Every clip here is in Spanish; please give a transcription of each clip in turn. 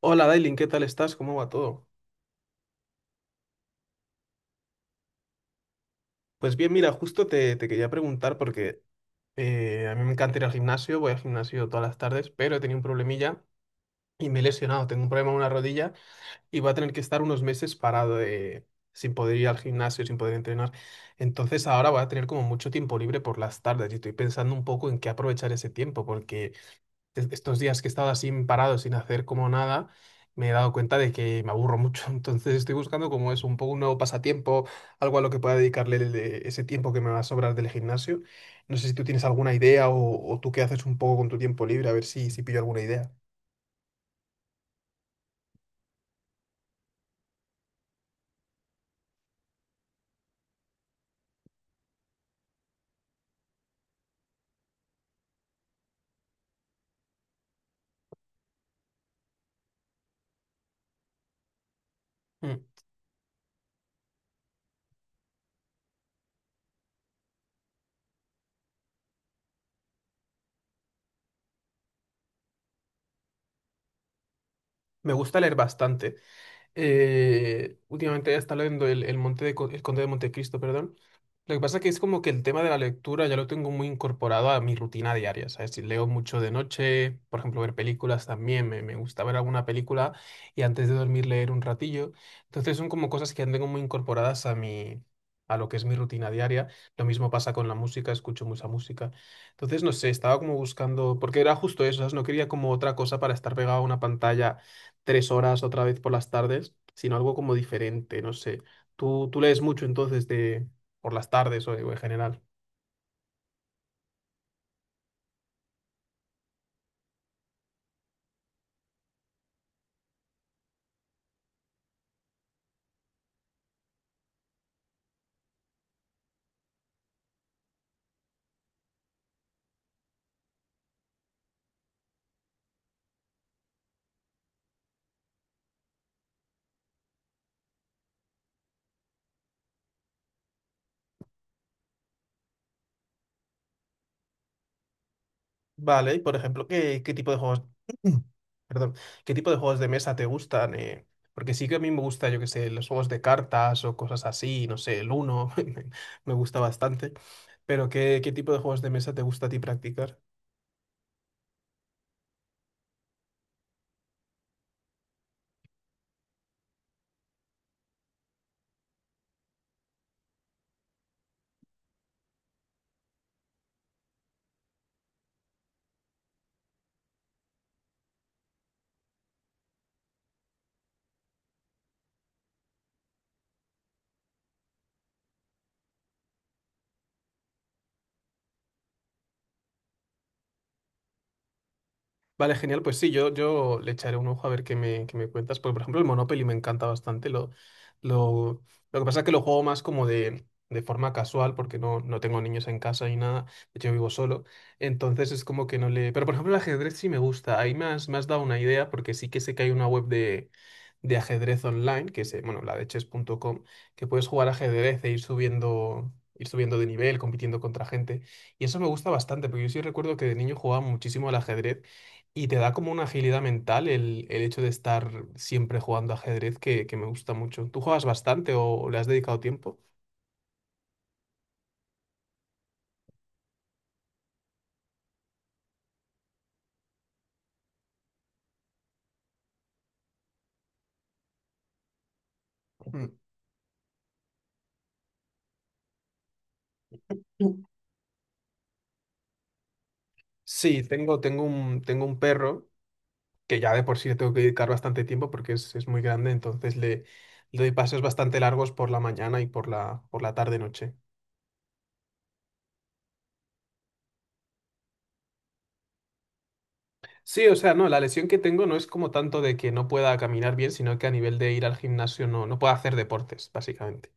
Hola Dailin, ¿qué tal estás? ¿Cómo va todo? Pues bien, mira, justo te quería preguntar porque a mí me encanta ir al gimnasio, voy al gimnasio todas las tardes, pero he tenido un problemilla y me he lesionado, tengo un problema en una rodilla y voy a tener que estar unos meses parado sin poder ir al gimnasio, sin poder entrenar. Entonces ahora voy a tener como mucho tiempo libre por las tardes y estoy pensando un poco en qué aprovechar ese tiempo porque estos días que he estado así parado, sin hacer como nada, me he dado cuenta de que me aburro mucho. Entonces estoy buscando como es un poco un nuevo pasatiempo, algo a lo que pueda dedicarle ese tiempo que me va a sobrar del gimnasio. No sé si tú tienes alguna idea o tú qué haces un poco con tu tiempo libre, a ver si pillo alguna idea. Mm. Me gusta leer bastante. Últimamente he estado leyendo El Conde de Montecristo, perdón. Lo que pasa es que es como que el tema de la lectura ya lo tengo muy incorporado a mi rutina diaria, ¿sabes? Si leo mucho de noche, por ejemplo, ver películas también, me gusta ver alguna película y antes de dormir leer un ratillo. Entonces son como cosas que ya tengo muy incorporadas a lo que es mi rutina diaria. Lo mismo pasa con la música, escucho mucha música. Entonces, no sé, estaba como buscando, porque era justo eso, ¿sabes? No quería como otra cosa para estar pegado a una pantalla 3 horas otra vez por las tardes, sino algo como diferente, no sé. Tú lees mucho entonces de por las tardes o en general. Vale, y por ejemplo, ¿qué tipo de juegos, perdón, qué tipo de juegos de mesa te gustan, ¿eh? Porque sí que a mí me gusta, yo qué sé, los juegos de cartas o cosas así, no sé, el Uno, me gusta bastante. Pero ¿qué tipo de juegos de mesa te gusta a ti practicar? Vale, genial. Pues sí, yo le echaré un ojo a ver qué me cuentas. Porque, por ejemplo, el Monopoly me encanta bastante. Lo, lo que pasa es que lo juego más como de forma casual, porque no tengo niños en casa ni nada. De hecho, yo vivo solo. Entonces es como que no le. Pero, por ejemplo, el ajedrez sí me gusta. Ahí me has dado una idea, porque sí que sé que hay una web de ajedrez online, que es, bueno, la de chess.com, que puedes jugar ajedrez e ir subiendo de nivel, compitiendo contra gente. Y eso me gusta bastante, porque yo sí recuerdo que de niño jugaba muchísimo al ajedrez y te da como una agilidad mental el hecho de estar siempre jugando ajedrez que me gusta mucho. ¿Tú juegas bastante o le has dedicado tiempo? Mm. Mm. Sí, tengo un perro que ya de por sí le tengo que dedicar bastante tiempo porque es muy grande, entonces le doy paseos bastante largos por la mañana y por la tarde-noche. Sí, o sea, no, la lesión que tengo no es como tanto de que no pueda caminar bien, sino que a nivel de ir al gimnasio no puedo hacer deportes, básicamente.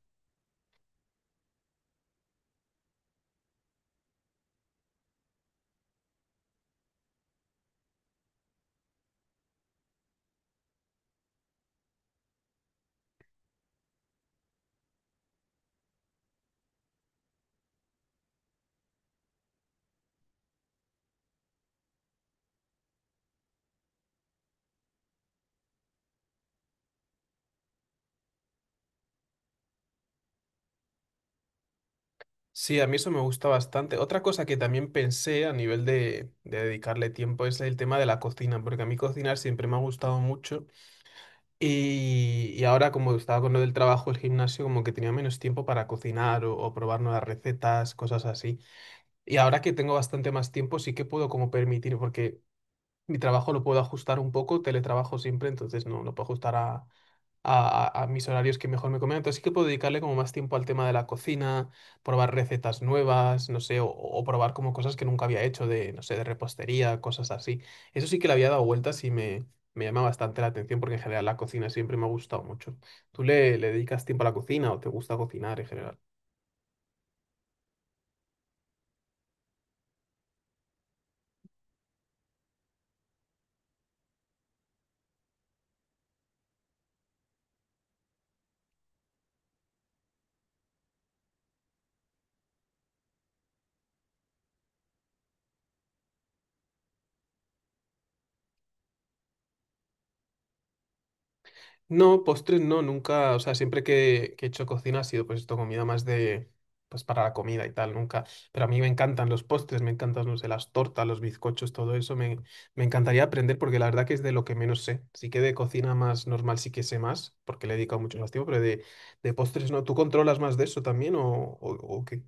Sí, a mí eso me gusta bastante. Otra cosa que también pensé a nivel de dedicarle tiempo es el tema de la cocina, porque a mí cocinar siempre me ha gustado mucho y ahora como estaba con lo del trabajo, el gimnasio, como que tenía menos tiempo para cocinar o probar nuevas recetas, cosas así. Y ahora que tengo bastante más tiempo, sí que puedo como permitir, porque mi trabajo lo puedo ajustar un poco, teletrabajo siempre, entonces no lo puedo ajustar a mis horarios que mejor me convengan. Entonces sí que puedo dedicarle como más tiempo al tema de la cocina, probar recetas nuevas, no sé, o probar como cosas que nunca había hecho de, no sé, de repostería, cosas así. Eso sí que le había dado vueltas y me llama bastante la atención porque en general la cocina siempre me ha gustado mucho. ¿Tú le dedicas tiempo a la cocina o te gusta cocinar en general? No, postres no, nunca, o sea, siempre que he hecho cocina ha sido pues esto, comida más de, pues para la comida y tal, nunca, pero a mí me encantan los postres, me encantan, no sé, las tortas, los bizcochos, todo eso, me encantaría aprender porque la verdad que es de lo que menos sé, sí que de cocina más normal sí que sé más, porque le he dedicado mucho más tiempo, pero de postres no, ¿tú controlas más de eso también o qué?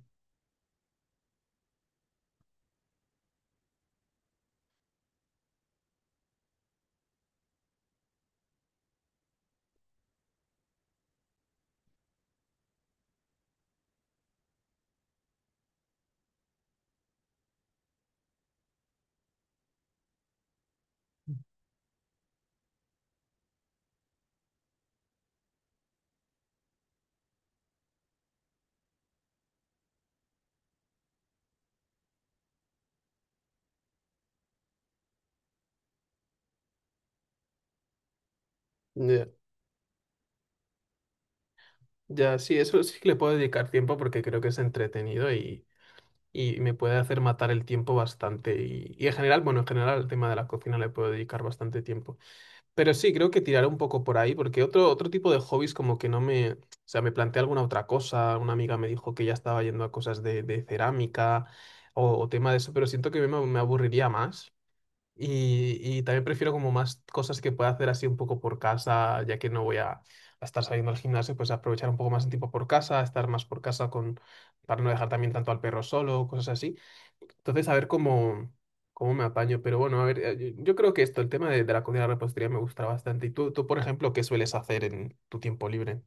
Ya, ya, sí, eso sí que le puedo dedicar tiempo porque creo que es entretenido y me puede hacer matar el tiempo bastante. Y en general, bueno, en general al tema de la cocina le puedo dedicar bastante tiempo. Pero sí, creo que tiraré un poco por ahí, porque otro tipo de hobbies como que no me. O sea, me planteé alguna otra cosa, una amiga me dijo que ya estaba yendo a cosas de cerámica o tema de eso, pero siento que me aburriría más. Y también prefiero como más cosas que pueda hacer así un poco por casa, ya que no voy a estar saliendo al gimnasio, pues aprovechar un poco más el tiempo por casa, estar más por casa con, para no dejar también tanto al perro solo, cosas así. Entonces, a ver cómo me apaño. Pero bueno, a ver, yo creo que esto, el tema de la comida y la repostería me gusta bastante. ¿Y tú, por ejemplo, qué sueles hacer en tu tiempo libre?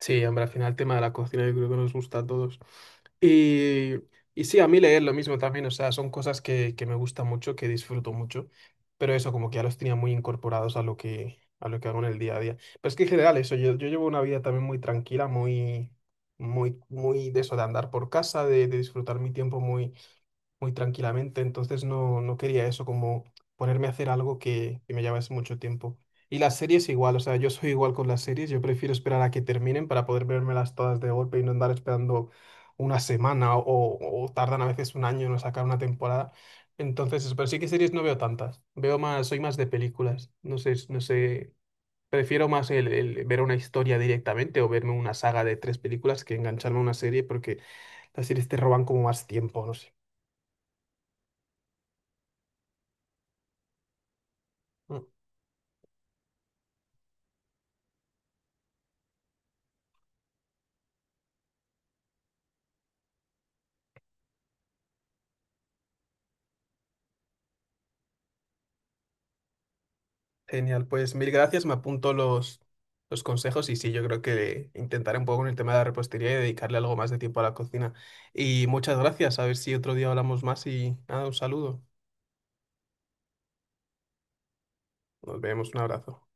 Sí, hombre, al final el tema de la cocina yo creo que nos gusta a todos. Y, y sí, a mí leer lo mismo también, o sea, son cosas que me gustan mucho, que disfruto mucho, pero eso como que ya los tenía muy incorporados a lo que hago en el día a día. Pero es que en general eso, yo llevo una vida también muy tranquila, muy, muy, muy de eso, de andar por casa, de disfrutar mi tiempo muy muy tranquilamente, entonces no quería eso, como ponerme a hacer algo que me llevase mucho tiempo. Y las series igual, o sea, yo soy igual con las series, yo prefiero esperar a que terminen para poder vérmelas todas de golpe y no andar esperando una semana o tardan a veces un año en sacar una temporada. Entonces, eso, pero sí que series no veo tantas, veo más, soy más de películas, no sé, no sé, prefiero más el ver una historia directamente o verme una saga de tres películas que engancharme a una serie porque las series te roban como más tiempo, no sé. Mm. Genial, pues mil gracias. Me apunto los consejos y sí, yo creo que intentaré un poco con el tema de la repostería y dedicarle algo más de tiempo a la cocina. Y muchas gracias. A ver si otro día hablamos más y nada, un saludo. Nos vemos, un abrazo.